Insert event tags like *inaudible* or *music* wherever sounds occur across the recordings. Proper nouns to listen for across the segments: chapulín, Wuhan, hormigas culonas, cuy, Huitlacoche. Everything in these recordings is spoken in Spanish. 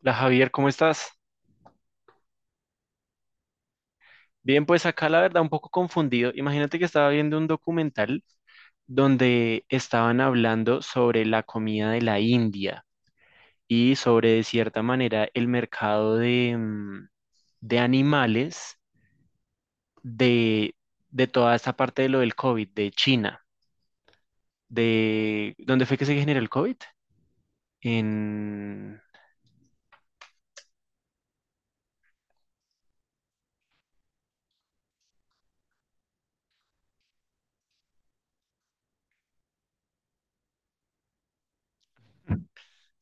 La Javier, ¿cómo estás? Bien, pues acá la verdad un poco confundido. Imagínate que estaba viendo un documental donde estaban hablando sobre la comida de la India y sobre, de cierta manera, el mercado de de animales de, de toda esta parte de lo del COVID, de China, de... ¿Dónde fue que se generó el COVID? En...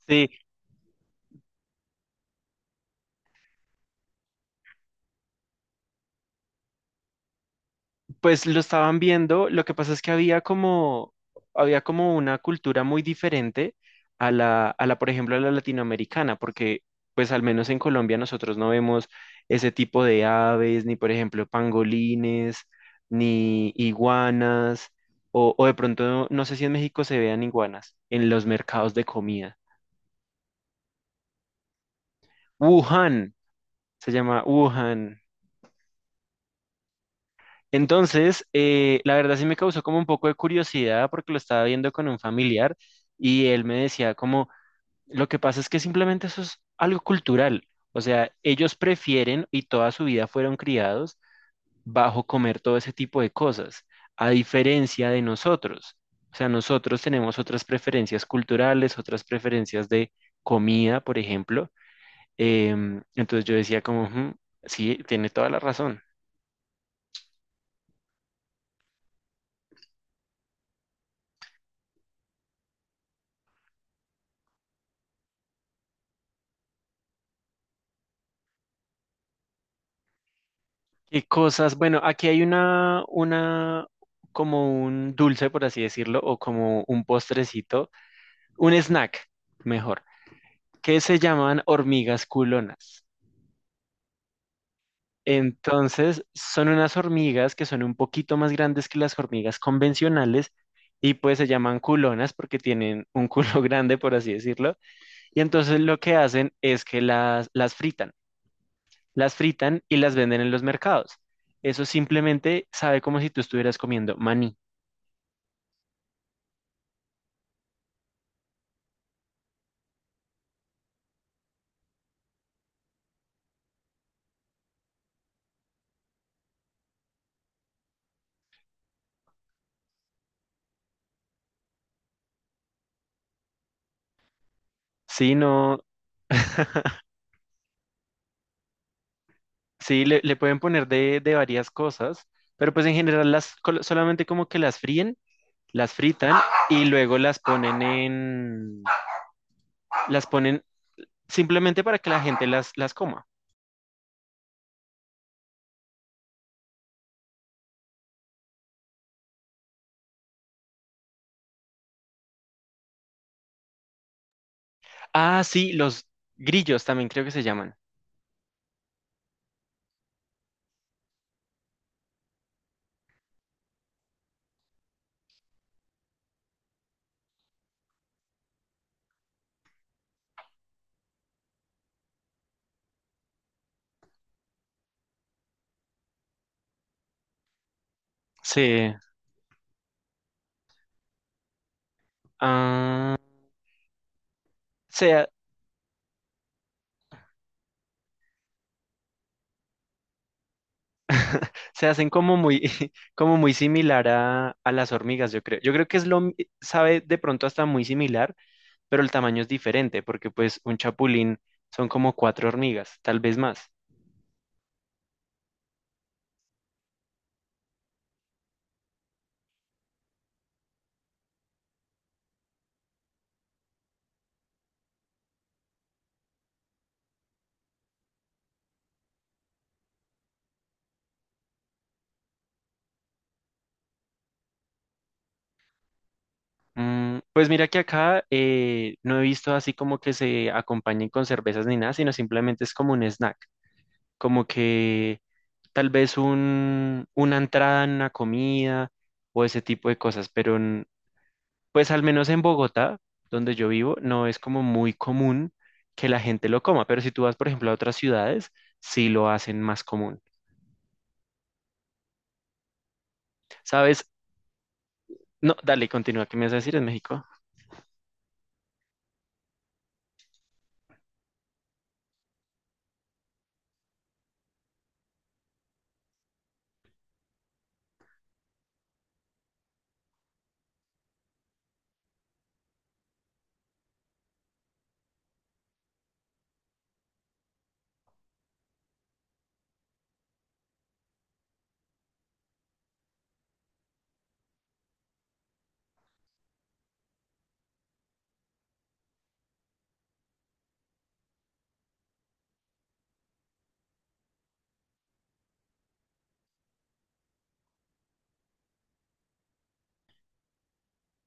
Sí. Pues lo estaban viendo, lo que pasa es que había como una cultura muy diferente a la, por ejemplo, a la latinoamericana, porque pues al menos en Colombia nosotros no vemos ese tipo de aves, ni por ejemplo pangolines, ni iguanas, o de pronto, no sé si en México se vean iguanas, en los mercados de comida. Wuhan, se llama Wuhan. Entonces, la verdad sí me causó como un poco de curiosidad porque lo estaba viendo con un familiar y él me decía como, lo que pasa es que simplemente eso es algo cultural. O sea, ellos prefieren y toda su vida fueron criados bajo comer todo ese tipo de cosas, a diferencia de nosotros. O sea, nosotros tenemos otras preferencias culturales, otras preferencias de comida, por ejemplo. Entonces yo decía como, "Ujú, sí, tiene toda la razón." Qué cosas, bueno, aquí hay una como un dulce, por así decirlo, o como un postrecito, un snack, mejor, que se llaman hormigas culonas. Entonces, son unas hormigas que son un poquito más grandes que las hormigas convencionales y pues se llaman culonas porque tienen un culo *laughs* grande, por así decirlo. Y entonces lo que hacen es que las fritan, las fritan y las venden en los mercados. Eso simplemente sabe como si tú estuvieras comiendo maní. Sí, no, *laughs* sí, le pueden poner de varias cosas, pero pues en general solamente como que las fríen, las fritan y luego las ponen simplemente para que la gente las coma. Ah, sí, los grillos también creo que se llaman. Sí, ah, se, ha- se hacen como muy, *laughs* como muy similar a las hormigas, yo creo. Yo creo que es sabe de pronto hasta muy similar, pero el tamaño es diferente porque pues un chapulín son como cuatro hormigas, tal vez más. Mm, pues mira que acá no he visto así como que se acompañen con cervezas ni nada, sino simplemente es como un snack, como que tal vez una entrada en una comida o ese tipo de cosas, pues al menos en Bogotá, donde yo vivo, no es como muy común que la gente lo coma, pero si tú vas, por ejemplo, a otras ciudades, sí lo hacen más común. ¿Sabes? No, dale, continúa. ¿Qué me vas a decir en México?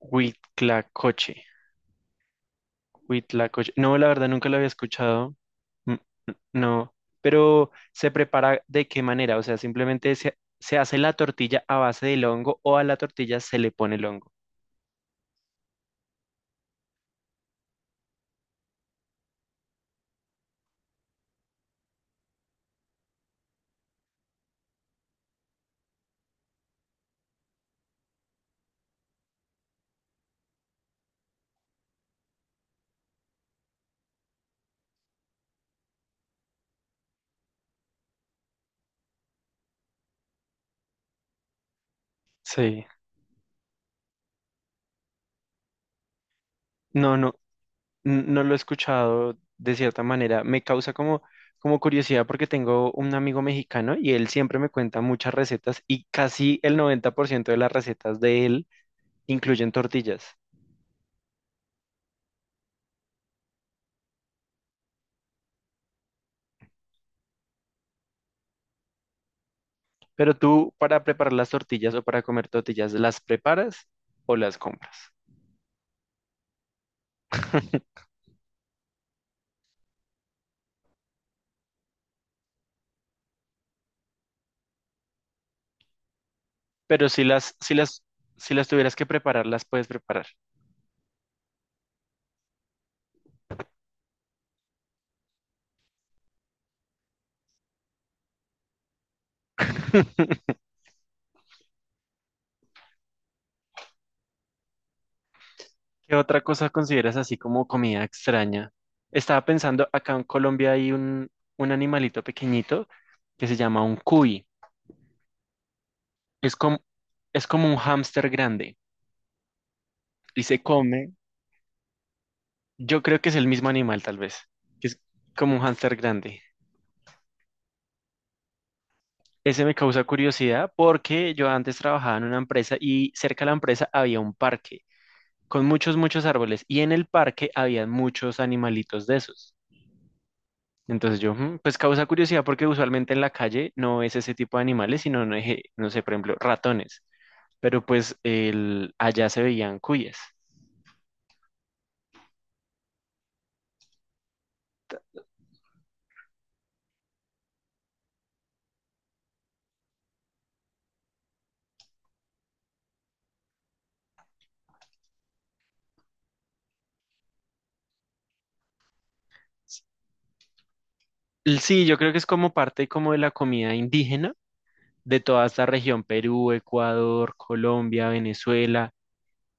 Huitlacoche. Huitlacoche. No, la verdad nunca lo había escuchado. N- No. Pero ¿se prepara de qué manera? O sea, simplemente se hace la tortilla a base del hongo o a la tortilla se le pone el hongo. Sí. No, no, no lo he escuchado de cierta manera. Me causa como, como curiosidad porque tengo un amigo mexicano y él siempre me cuenta muchas recetas y casi el 90% de las recetas de él incluyen tortillas. Pero tú para preparar las tortillas o para comer tortillas, ¿las preparas o las compras? Pero si las tuvieras que preparar, las puedes preparar. ¿Qué otra cosa consideras así como comida extraña? Estaba pensando, acá en Colombia hay un animalito pequeñito que se llama un cuy. Es como, es como un hámster grande y se come, yo creo que es el mismo animal tal vez, que es como un hámster grande. Ese me causa curiosidad porque yo antes trabajaba en una empresa y cerca de la empresa había un parque con muchos, muchos árboles y en el parque había muchos animalitos de esos. Entonces yo, "Mm", pues causa curiosidad porque usualmente en la calle no es ese tipo de animales, sino, no, no sé, por ejemplo, ratones, pero pues el, allá se veían cuyes. Sí, yo creo que es como parte como de la comida indígena de toda esta región, Perú, Ecuador, Colombia, Venezuela,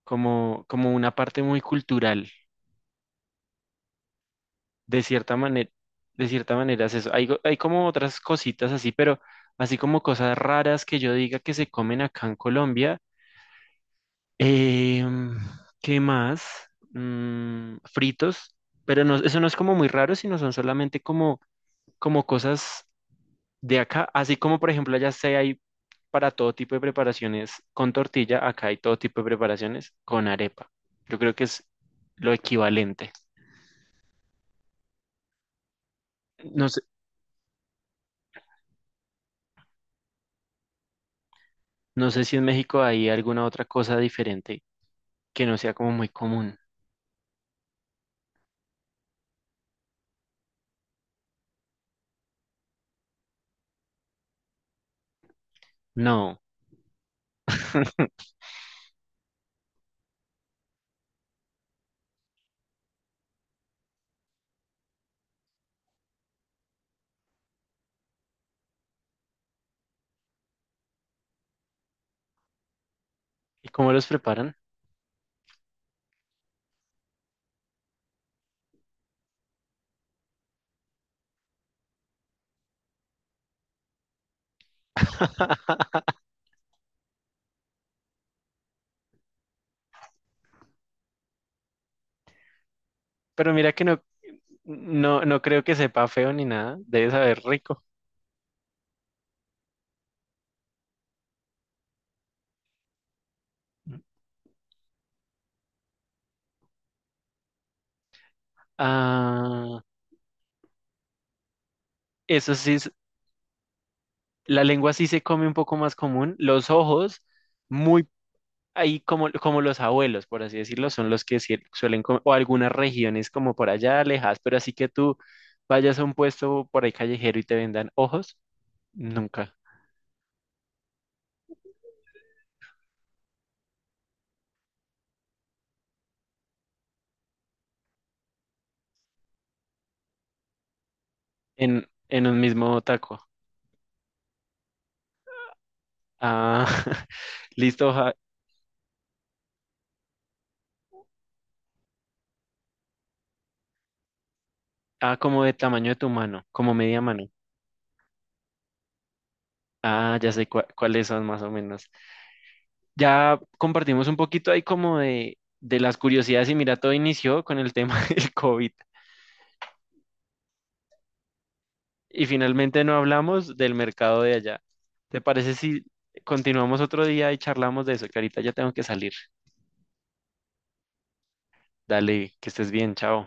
como, como una parte muy cultural. De cierta manera, de cierta manera es eso. Hay como otras cositas así, pero así como cosas raras que yo diga que se comen acá en Colombia. Em, ¿Qué más? Mm, fritos, pero no, eso no es como muy raro, sino son solamente como, como cosas de acá, así como por ejemplo allá se hay para todo tipo de preparaciones con tortilla, acá hay todo tipo de preparaciones con arepa. Yo creo que es lo equivalente. No sé, no sé si en México hay alguna otra cosa diferente que no sea como muy común. No. ¿Y cómo los preparan? Pero mira que no, no, no creo que sepa feo ni nada. Debe saber rico. Ah, eso sí, la lengua sí se come un poco más común. Los ojos, muy ahí como, como los abuelos, por así decirlo, son los que sí suelen comer, o algunas regiones como por allá alejadas pero así que tú vayas a un puesto por ahí callejero y te vendan ojos, nunca. En un mismo taco. Ah, *laughs* listo, ja. Ah, como de tamaño de tu mano, como media mano. Ah, ya sé cuáles son más o menos. Ya compartimos un poquito ahí como de las curiosidades y mira, todo inició con el tema *laughs* del COVID y finalmente no hablamos del mercado de allá. ¿Te parece si continuamos otro día y charlamos de eso? Que ahorita ya tengo que salir. Dale, que estés bien, chao.